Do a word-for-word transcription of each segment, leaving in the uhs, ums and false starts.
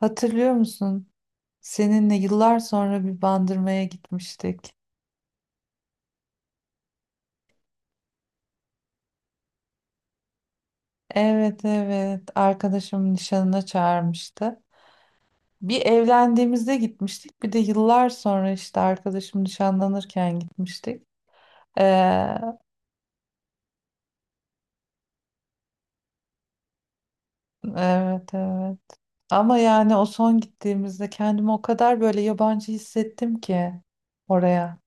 Hatırlıyor musun? Seninle yıllar sonra bir bandırmaya gitmiştik. Evet evet arkadaşımın nişanına çağırmıştı. Bir evlendiğimizde gitmiştik bir de yıllar sonra işte arkadaşım nişanlanırken gitmiştik. Ee, evet evet ama yani o son gittiğimizde kendimi o kadar böyle yabancı hissettim ki oraya.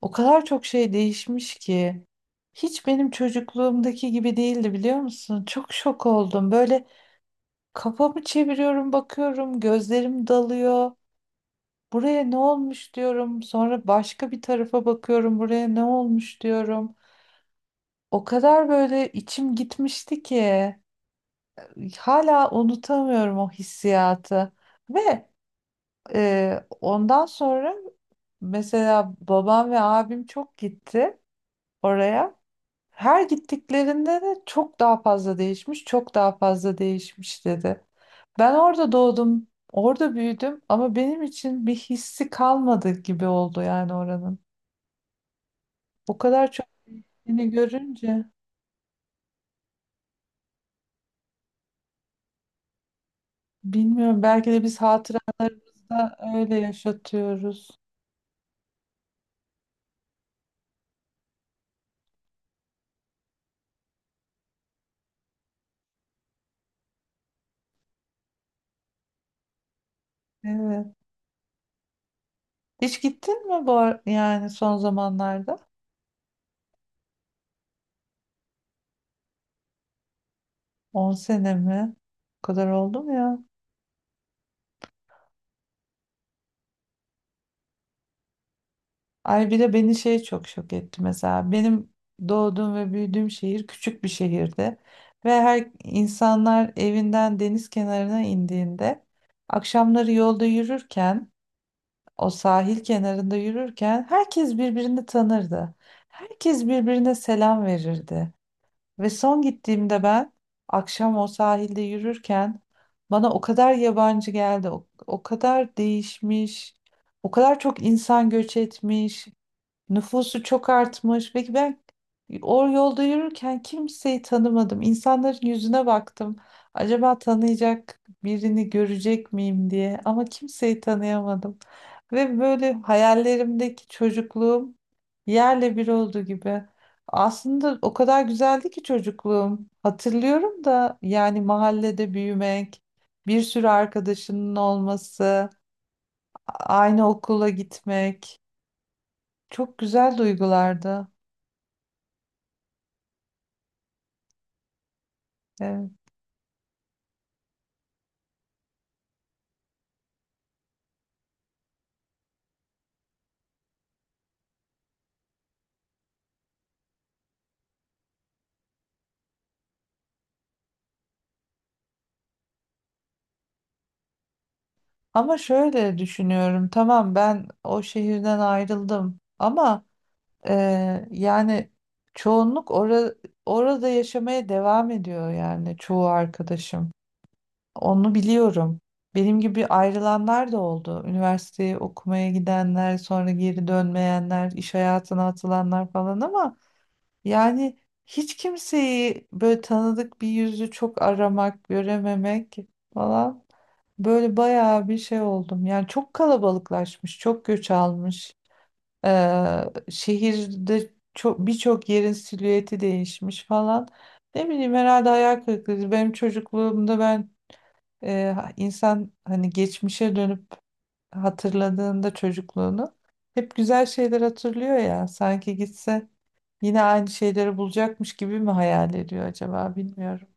O kadar çok şey değişmiş ki. Hiç benim çocukluğumdaki gibi değildi biliyor musun? Çok şok oldum. Böyle kafamı çeviriyorum, bakıyorum, gözlerim dalıyor. Buraya ne olmuş diyorum. Sonra başka bir tarafa bakıyorum. Buraya ne olmuş diyorum. O kadar böyle içim gitmişti ki hala unutamıyorum o hissiyatı. Ve e, ondan sonra mesela babam ve abim çok gitti oraya. Her gittiklerinde de çok daha fazla değişmiş, çok daha fazla değişmiş dedi. Ben orada doğdum, orada büyüdüm ama benim için bir hissi kalmadı gibi oldu yani oranın. O kadar çok yeni görünce bilmiyorum belki de biz hatırada öyle yaşatıyoruz. Evet. Hiç gittin mi bu ar- yani son zamanlarda? On sene mi? O kadar oldu mu ya? Ay bir de beni şey çok şok etti mesela. Benim doğduğum ve büyüdüğüm şehir küçük bir şehirdi. Ve her insanlar evinden deniz kenarına indiğinde akşamları yolda yürürken o sahil kenarında yürürken herkes birbirini tanırdı. Herkes birbirine selam verirdi. Ve son gittiğimde ben akşam o sahilde yürürken bana o kadar yabancı geldi. O, o kadar değişmiş. O kadar çok insan göç etmiş. Nüfusu çok artmış. Peki ben o yolda yürürken kimseyi tanımadım. İnsanların yüzüne baktım. Acaba tanıyacak birini görecek miyim diye ama kimseyi tanıyamadım. Ve böyle hayallerimdeki çocukluğum yerle bir oldu gibi. Aslında o kadar güzeldi ki çocukluğum. Hatırlıyorum da yani mahallede büyümek, bir sürü arkadaşının olması, a- aynı okula gitmek çok güzel duygulardı. Evet. Ama şöyle düşünüyorum. Tamam ben o şehirden ayrıldım. Ama e, yani çoğunluk ora- orada yaşamaya devam ediyor yani çoğu arkadaşım. Onu biliyorum. Benim gibi ayrılanlar da oldu. Üniversiteyi okumaya gidenler, sonra geri dönmeyenler, iş hayatına atılanlar falan ama yani hiç kimseyi böyle tanıdık bir yüzü çok aramak, görememek falan böyle bayağı bir şey oldum. Yani çok kalabalıklaşmış, çok göç almış. Ee, şehirde çok birçok yerin silüeti değişmiş falan. Ne bileyim herhalde hayal kırıklığı. Benim çocukluğumda ben e, insan hani geçmişe dönüp hatırladığında çocukluğunu hep güzel şeyler hatırlıyor ya. Sanki gitse yine aynı şeyleri bulacakmış gibi mi hayal ediyor acaba bilmiyorum.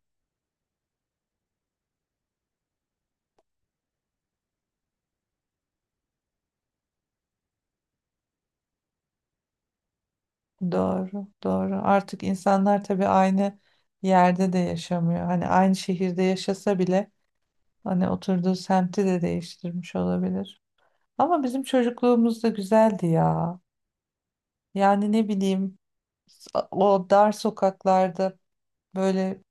Doğru, doğru. Artık insanlar tabii aynı yerde de yaşamıyor. Hani aynı şehirde yaşasa bile hani oturduğu semti de değiştirmiş olabilir. Ama bizim çocukluğumuz da güzeldi ya. Yani ne bileyim o dar sokaklarda böyle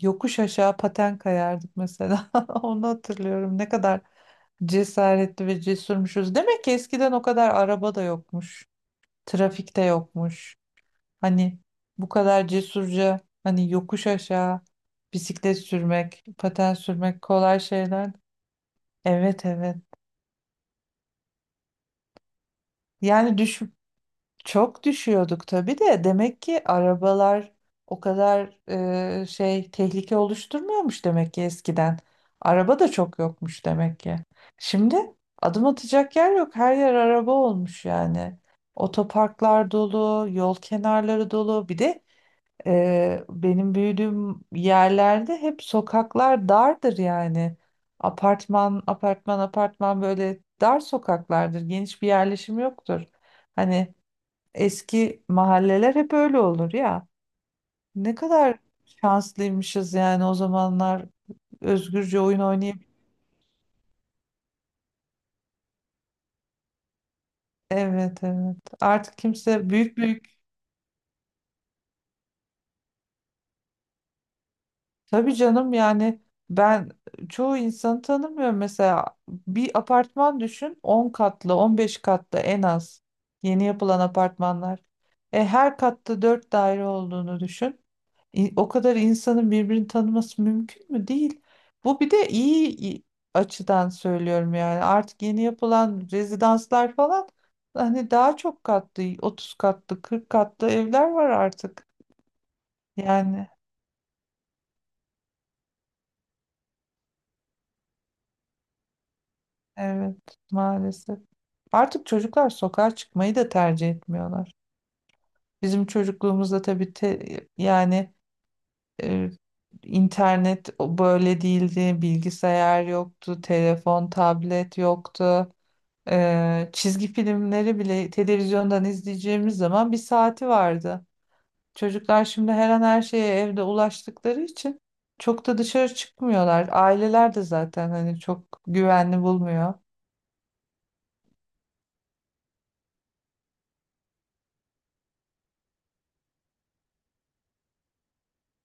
yokuş aşağı paten kayardık mesela. Onu hatırlıyorum. Ne kadar cesaretli ve cesurmuşuz. Demek ki eskiden o kadar araba da yokmuş. Trafikte yokmuş. Hani bu kadar cesurca hani yokuş aşağı bisiklet sürmek, paten sürmek kolay şeyler. Evet evet. Yani düş çok düşüyorduk tabii de demek ki arabalar o kadar e, şey tehlike oluşturmuyormuş demek ki eskiden. Araba da çok yokmuş demek ki. Şimdi adım atacak yer yok. Her yer araba olmuş yani. Otoparklar dolu, yol kenarları dolu. Bir de Ee, benim büyüdüğüm yerlerde hep sokaklar dardır yani. Apartman, apartman, apartman böyle dar sokaklardır. Geniş bir yerleşim yoktur. Hani eski mahalleler hep öyle olur ya. Ne kadar şanslıymışız yani o zamanlar özgürce oyun oynayıp. Evet evet. Artık kimse büyük büyük tabii canım yani ben çoğu insanı tanımıyorum. Mesela bir apartman düşün on katlı on beş katlı en az yeni yapılan apartmanlar. E, her katta dört daire olduğunu düşün. İ- O kadar insanın birbirini tanıması mümkün mü? Değil. Bu bir de iyi i- açıdan söylüyorum yani. Artık yeni yapılan rezidanslar falan hani daha çok katlı otuz katlı kırk katlı evler var artık. Yani. Evet, maalesef. Artık çocuklar sokağa çıkmayı da tercih etmiyorlar. Bizim çocukluğumuzda tabii te- yani e, internet o böyle değildi, bilgisayar yoktu, telefon, tablet yoktu. E, çizgi filmleri bile televizyondan izleyeceğimiz zaman bir saati vardı. Çocuklar şimdi her an her şeye evde ulaştıkları için çok da dışarı çıkmıyorlar. Aileler de zaten hani çok güvenli bulmuyor.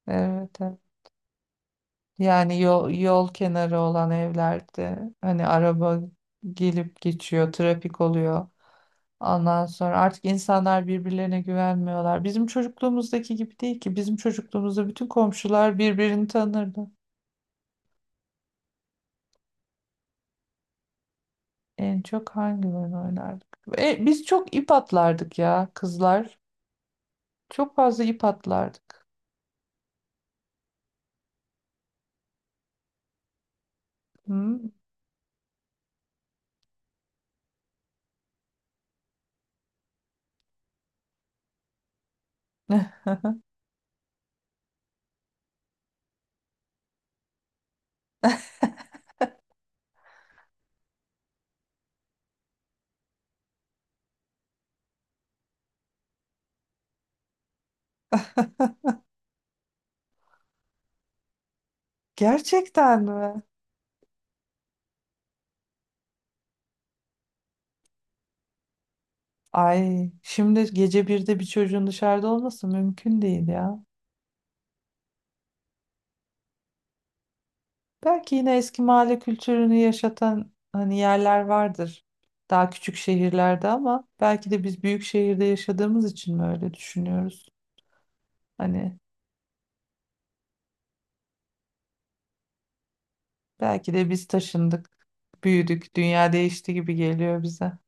Evet. Evet. Yani yol, yol kenarı olan evlerde hani araba gelip geçiyor, trafik oluyor. Ondan sonra artık insanlar birbirlerine güvenmiyorlar. Bizim çocukluğumuzdaki gibi değil ki. Bizim çocukluğumuzda bütün komşular birbirini tanırdı. En çok hangi oyun oynardık? E, biz çok ip atlardık ya kızlar. Çok fazla ip atlardık. Hı? Gerçekten mi? Ay, şimdi gece birde bir çocuğun dışarıda olması mümkün değil ya. Belki yine eski mahalle kültürünü yaşatan hani yerler vardır. Daha küçük şehirlerde ama belki de biz büyük şehirde yaşadığımız için mi öyle düşünüyoruz? Hani belki de biz taşındık, büyüdük, dünya değişti gibi geliyor bize.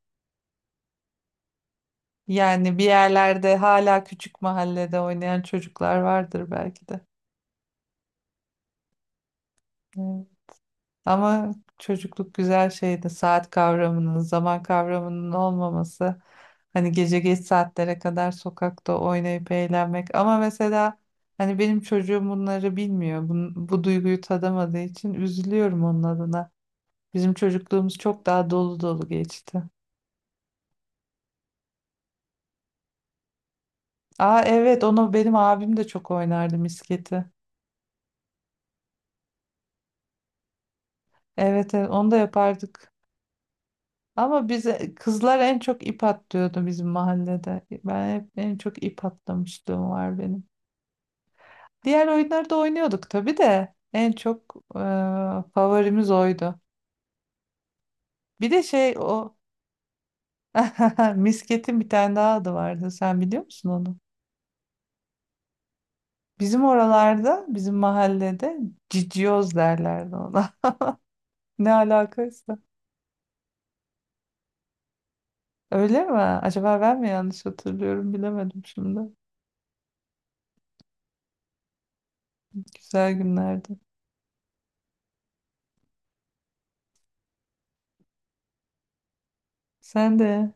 Yani bir yerlerde hala küçük mahallede oynayan çocuklar vardır belki de. Evet. Ama çocukluk güzel şeydi. Saat kavramının, zaman kavramının olmaması. Hani gece geç saatlere kadar sokakta oynayıp eğlenmek. Ama mesela hani benim çocuğum bunları bilmiyor. Bu, bu duyguyu tadamadığı için üzülüyorum onun adına. Bizim çocukluğumuz çok daha dolu dolu geçti. Aa evet onu benim abim de çok oynardı misketi. Evet, evet onu da yapardık. Ama bize kızlar en çok ip atlıyordu bizim mahallede. Ben hep en çok ip atlamışlığım var benim. Diğer oyunları da oynuyorduk tabii de en çok e, favorimiz oydu. Bir de şey o misketin bir tane daha adı vardı. Sen biliyor musun onu? Bizim oralarda, bizim mahallede cicioz derlerdi ona. Ne alakaysa. Öyle mi? Acaba ben mi yanlış hatırlıyorum bilemedim şimdi. Güzel günlerdi. Sen de.